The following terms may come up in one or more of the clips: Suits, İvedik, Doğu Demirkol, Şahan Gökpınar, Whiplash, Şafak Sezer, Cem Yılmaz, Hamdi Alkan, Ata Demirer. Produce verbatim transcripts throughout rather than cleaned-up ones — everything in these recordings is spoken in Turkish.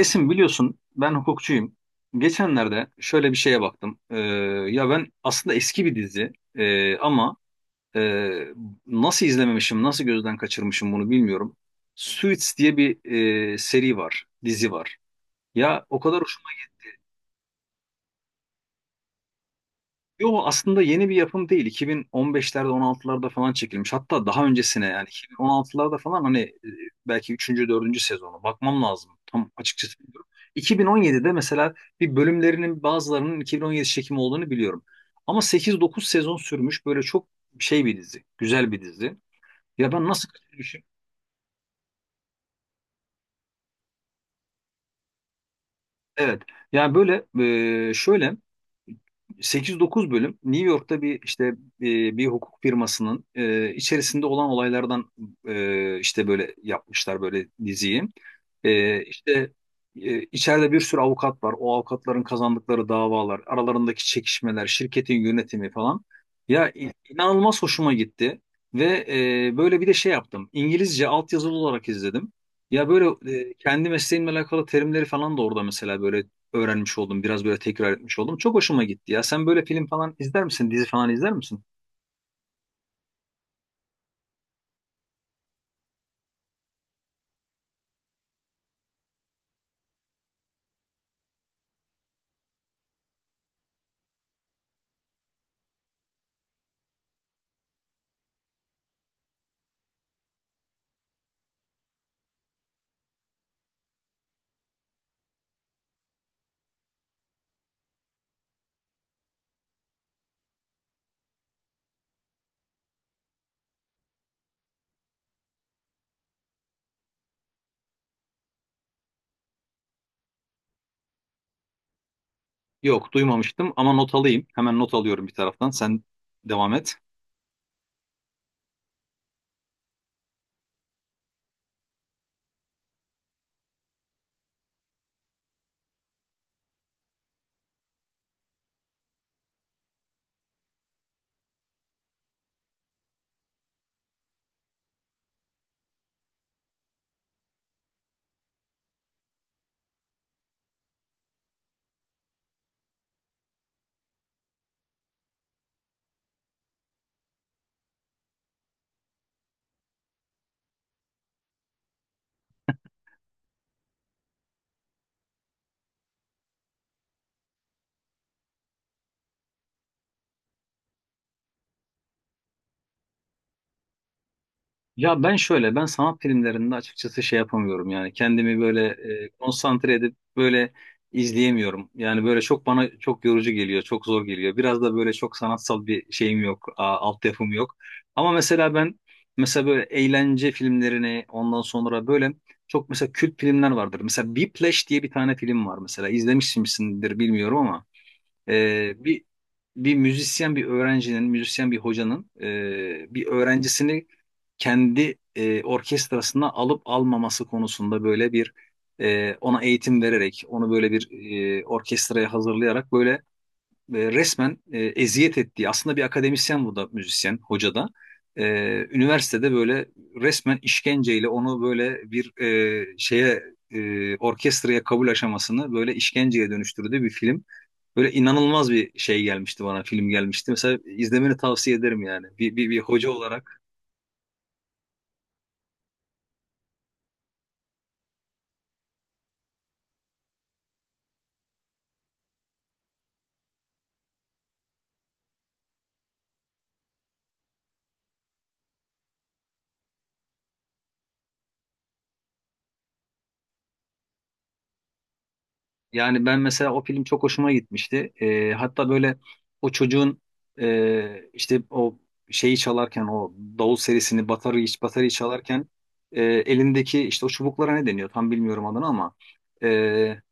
Esin biliyorsun ben hukukçuyum. Geçenlerde şöyle bir şeye baktım. Ee, ya ben aslında eski bir dizi, ee, ama ee, nasıl izlememişim, nasıl gözden kaçırmışım bunu bilmiyorum. Suits diye bir ee, seri var, dizi var. Ya o kadar. Yo, aslında yeni bir yapım değil. iki bin on beşlerde on altılarda falan çekilmiş. Hatta daha öncesine yani iki bin on altılarda falan hani e, belki üçüncü dördüncü sezonu bakmam lazım. Tam açıkçası bilmiyorum. iki bin on yedide mesela bir bölümlerinin bazılarının iki bin on yedi çekimi olduğunu biliyorum. Ama sekiz dokuz sezon sürmüş böyle çok şey bir dizi. Güzel bir dizi. Ya ben nasıl kaçırmışım. Evet. Yani böyle e, şöyle sekiz dokuz bölüm New York'ta bir işte e, bir hukuk firmasının e, içerisinde olan olaylardan e, işte böyle yapmışlar böyle diziyi. E, işte e, içeride bir sürü avukat var. O avukatların kazandıkları davalar, aralarındaki çekişmeler, şirketin yönetimi falan. Ya in- inanılmaz hoşuma gitti ve e, böyle bir de şey yaptım. İngilizce altyazılı olarak izledim. Ya böyle e, kendi mesleğimle alakalı terimleri falan da orada mesela böyle öğrenmiş oldum. Biraz böyle tekrar etmiş oldum. Çok hoşuma gitti ya. Sen böyle film falan izler misin? Dizi falan izler misin? Yok, duymamıştım ama not alayım. Hemen not alıyorum bir taraftan. Sen devam et. Ya ben şöyle, ben sanat filmlerinde açıkçası şey yapamıyorum yani kendimi böyle e, konsantre edip böyle izleyemiyorum. Yani böyle çok bana çok yorucu geliyor, çok zor geliyor. Biraz da böyle çok sanatsal bir şeyim yok, a, altyapım yok. Ama mesela ben mesela böyle eğlence filmlerini ondan sonra böyle çok mesela kült filmler vardır. Mesela Whiplash diye bir tane film var mesela izlemişsinizdir bilmiyorum ama. Ee, bir bir müzisyen bir öğrencinin, müzisyen bir hocanın e, bir öğrencisini kendi e, orkestrasına alıp almaması konusunda böyle bir e, ona eğitim vererek, onu böyle bir e, orkestraya hazırlayarak böyle e, resmen e, eziyet ettiği aslında bir akademisyen bu da müzisyen hoca da e, üniversitede böyle resmen işkenceyle onu böyle bir e, şeye e, orkestraya kabul aşamasını böyle işkenceye dönüştürdüğü bir film. Böyle inanılmaz bir şey gelmişti bana film gelmişti. Mesela izlemeni tavsiye ederim yani bir, bir, bir hoca olarak. Yani ben mesela o film çok hoşuma gitmişti. Ee, hatta böyle o çocuğun e, işte o şeyi çalarken o davul serisini batarıyı, batarıyı çalarken e, elindeki işte o çubuklara ne deniyor tam bilmiyorum adını ama. e,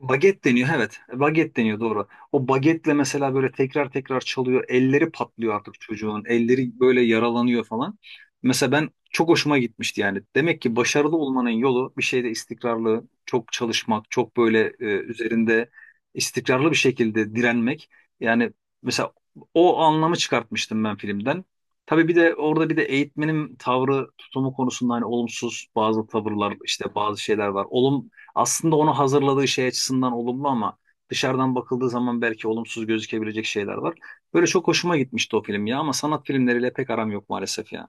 Baget deniyor, evet. Baget deniyor, doğru. O bagetle mesela böyle tekrar tekrar çalıyor. Elleri patlıyor artık çocuğun. Elleri böyle yaralanıyor falan. Mesela ben çok hoşuma gitmişti yani. Demek ki başarılı olmanın yolu bir şeyde istikrarlı, çok çalışmak, çok böyle e, üzerinde istikrarlı bir şekilde direnmek. Yani mesela o anlamı çıkartmıştım ben filmden. Tabii bir de orada bir de eğitmenin tavrı, tutumu konusunda hani olumsuz bazı tavırlar, işte bazı şeyler var. Olum, aslında onu hazırladığı şey açısından olumlu ama dışarıdan bakıldığı zaman belki olumsuz gözükebilecek şeyler var. Böyle çok hoşuma gitmişti o film ya ama sanat filmleriyle pek aram yok maalesef ya.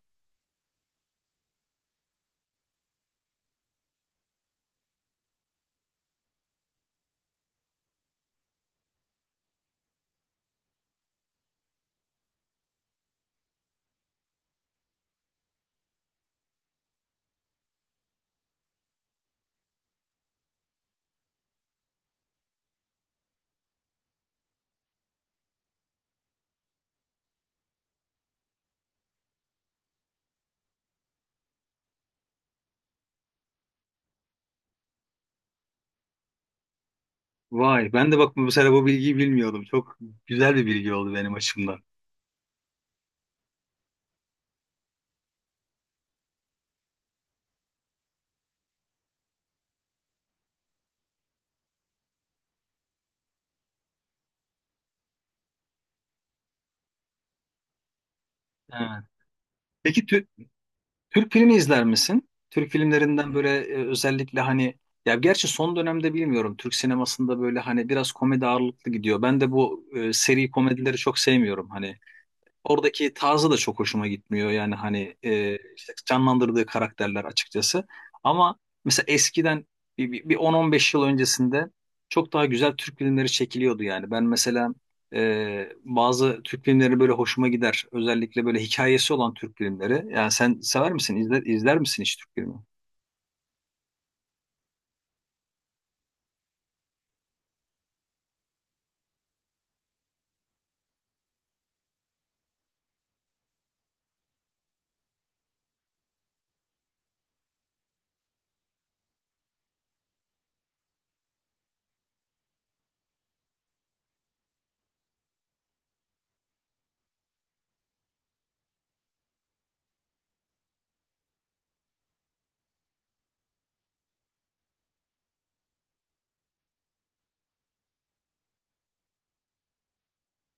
Vay ben de bak bu sefer bu bilgiyi bilmiyordum. Çok güzel bir bilgi oldu benim açımdan. Evet. Peki tü- Türk filmi izler misin? Türk filmlerinden böyle e, özellikle hani ya gerçi son dönemde bilmiyorum Türk sinemasında böyle hani biraz komedi ağırlıklı gidiyor. Ben de bu e, seri komedileri çok sevmiyorum. Hani. Oradaki tarzı da çok hoşuma gitmiyor. Yani hani e, işte canlandırdığı karakterler açıkçası. Ama mesela eskiden bir, bir, bir on on beş yıl öncesinde çok daha güzel Türk filmleri çekiliyordu yani. Ben mesela e, bazı Türk filmleri böyle hoşuma gider. Özellikle böyle hikayesi olan Türk filmleri. Yani sen sever misin? İzler, izler misin hiç Türk filmi?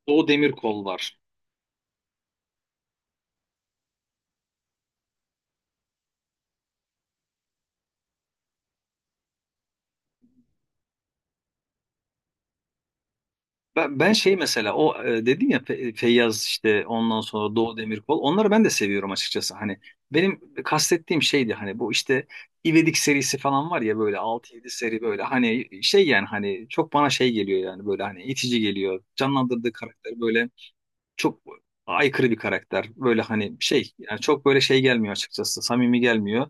Doğu Demirkol var. Ben, ben şey mesela o e, dedin ya Fe- Feyyaz işte ondan sonra Doğu Demirkol onları ben de seviyorum açıkçası. Hani benim kastettiğim şeydi hani bu işte İvedik serisi falan var ya böyle altı yedi seri böyle hani şey yani hani çok bana şey geliyor yani böyle hani itici geliyor. Canlandırdığı karakter böyle çok aykırı bir karakter. Böyle hani şey yani çok böyle şey gelmiyor açıkçası samimi gelmiyor.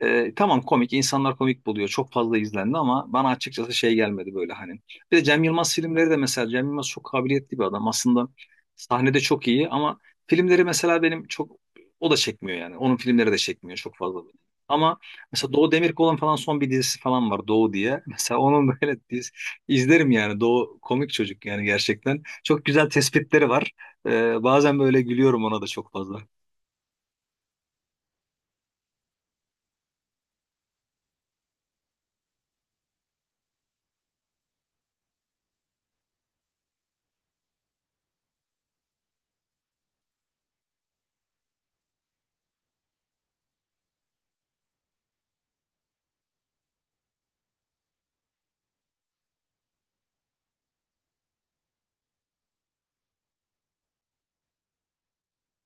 E, tamam, komik insanlar komik buluyor çok fazla izlendi ama bana açıkçası şey gelmedi böyle hani. Bir de Cem Yılmaz filmleri de mesela Cem Yılmaz çok kabiliyetli bir adam aslında sahnede çok iyi ama filmleri mesela benim çok o da çekmiyor yani onun filmleri de çekmiyor çok fazla. Ama mesela Doğu Demirkol'un falan son bir dizisi falan var Doğu diye. Mesela onun böyle diz, izlerim yani Doğu komik çocuk yani gerçekten. Çok güzel tespitleri var. E, bazen böyle gülüyorum ona da çok fazla.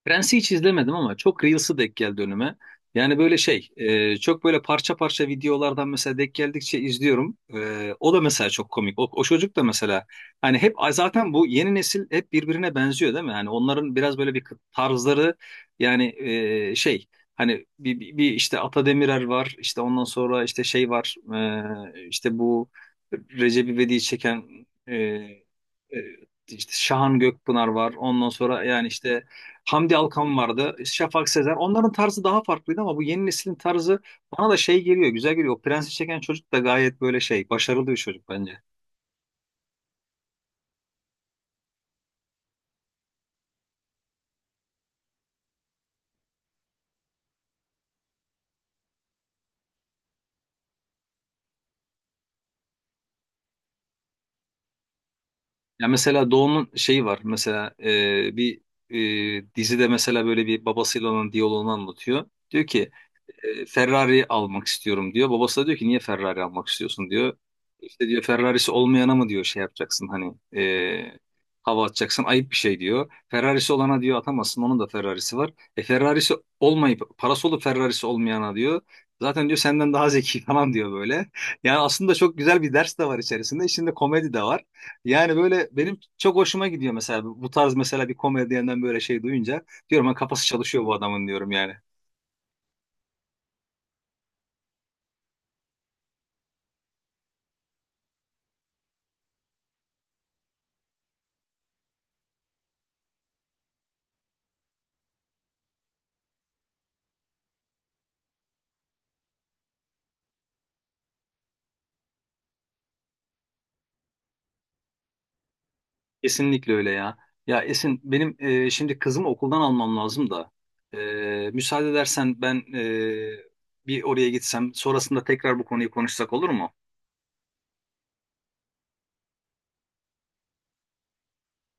Prens'i hiç izlemedim ama çok Reels'ı denk geldi önüme. Yani böyle şey, e, çok böyle parça parça videolardan mesela denk geldikçe izliyorum. E, o da mesela çok komik. O, o çocuk da mesela hani hep zaten bu yeni nesil hep birbirine benziyor değil mi? Hani onların biraz böyle bir tarzları yani e, şey hani bir, bir, bir işte Ata Demirer var işte ondan sonra işte şey var e, işte bu Recep İvedik'i çeken e, e, işte Şahan Gökpınar var ondan sonra yani işte Hamdi Alkan vardı. Şafak Sezer. Onların tarzı daha farklıydı ama bu yeni neslin tarzı bana da şey geliyor. Güzel geliyor. O Prensi çeken çocuk da gayet böyle şey. Başarılı bir çocuk bence. Ya mesela Doğu'nun şeyi var. Mesela e, bir e, dizide mesela böyle bir babasıyla olan diyaloğunu anlatıyor. Diyor ki e, Ferrari almak istiyorum diyor. Babası da diyor ki niye Ferrari almak istiyorsun diyor. İşte diyor Ferrari'si olmayana mı diyor şey yapacaksın hani e, hava atacaksın ayıp bir şey diyor. Ferrari'si olana diyor atamazsın onun da Ferrari'si var. E Ferrari'si olmayıp parası olup Ferrari'si olmayana diyor. Zaten diyor senden daha zeki falan diyor böyle. Yani aslında çok güzel bir ders de var içerisinde. İçinde komedi de var. Yani böyle benim çok hoşuma gidiyor mesela bu tarz mesela bir komedyenden böyle şey duyunca diyorum ha kafası çalışıyor bu adamın diyorum yani. Kesinlikle öyle ya. Ya Esin benim e, şimdi kızımı okuldan almam lazım da e, müsaade edersen ben e, bir oraya gitsem sonrasında tekrar bu konuyu konuşsak olur mu?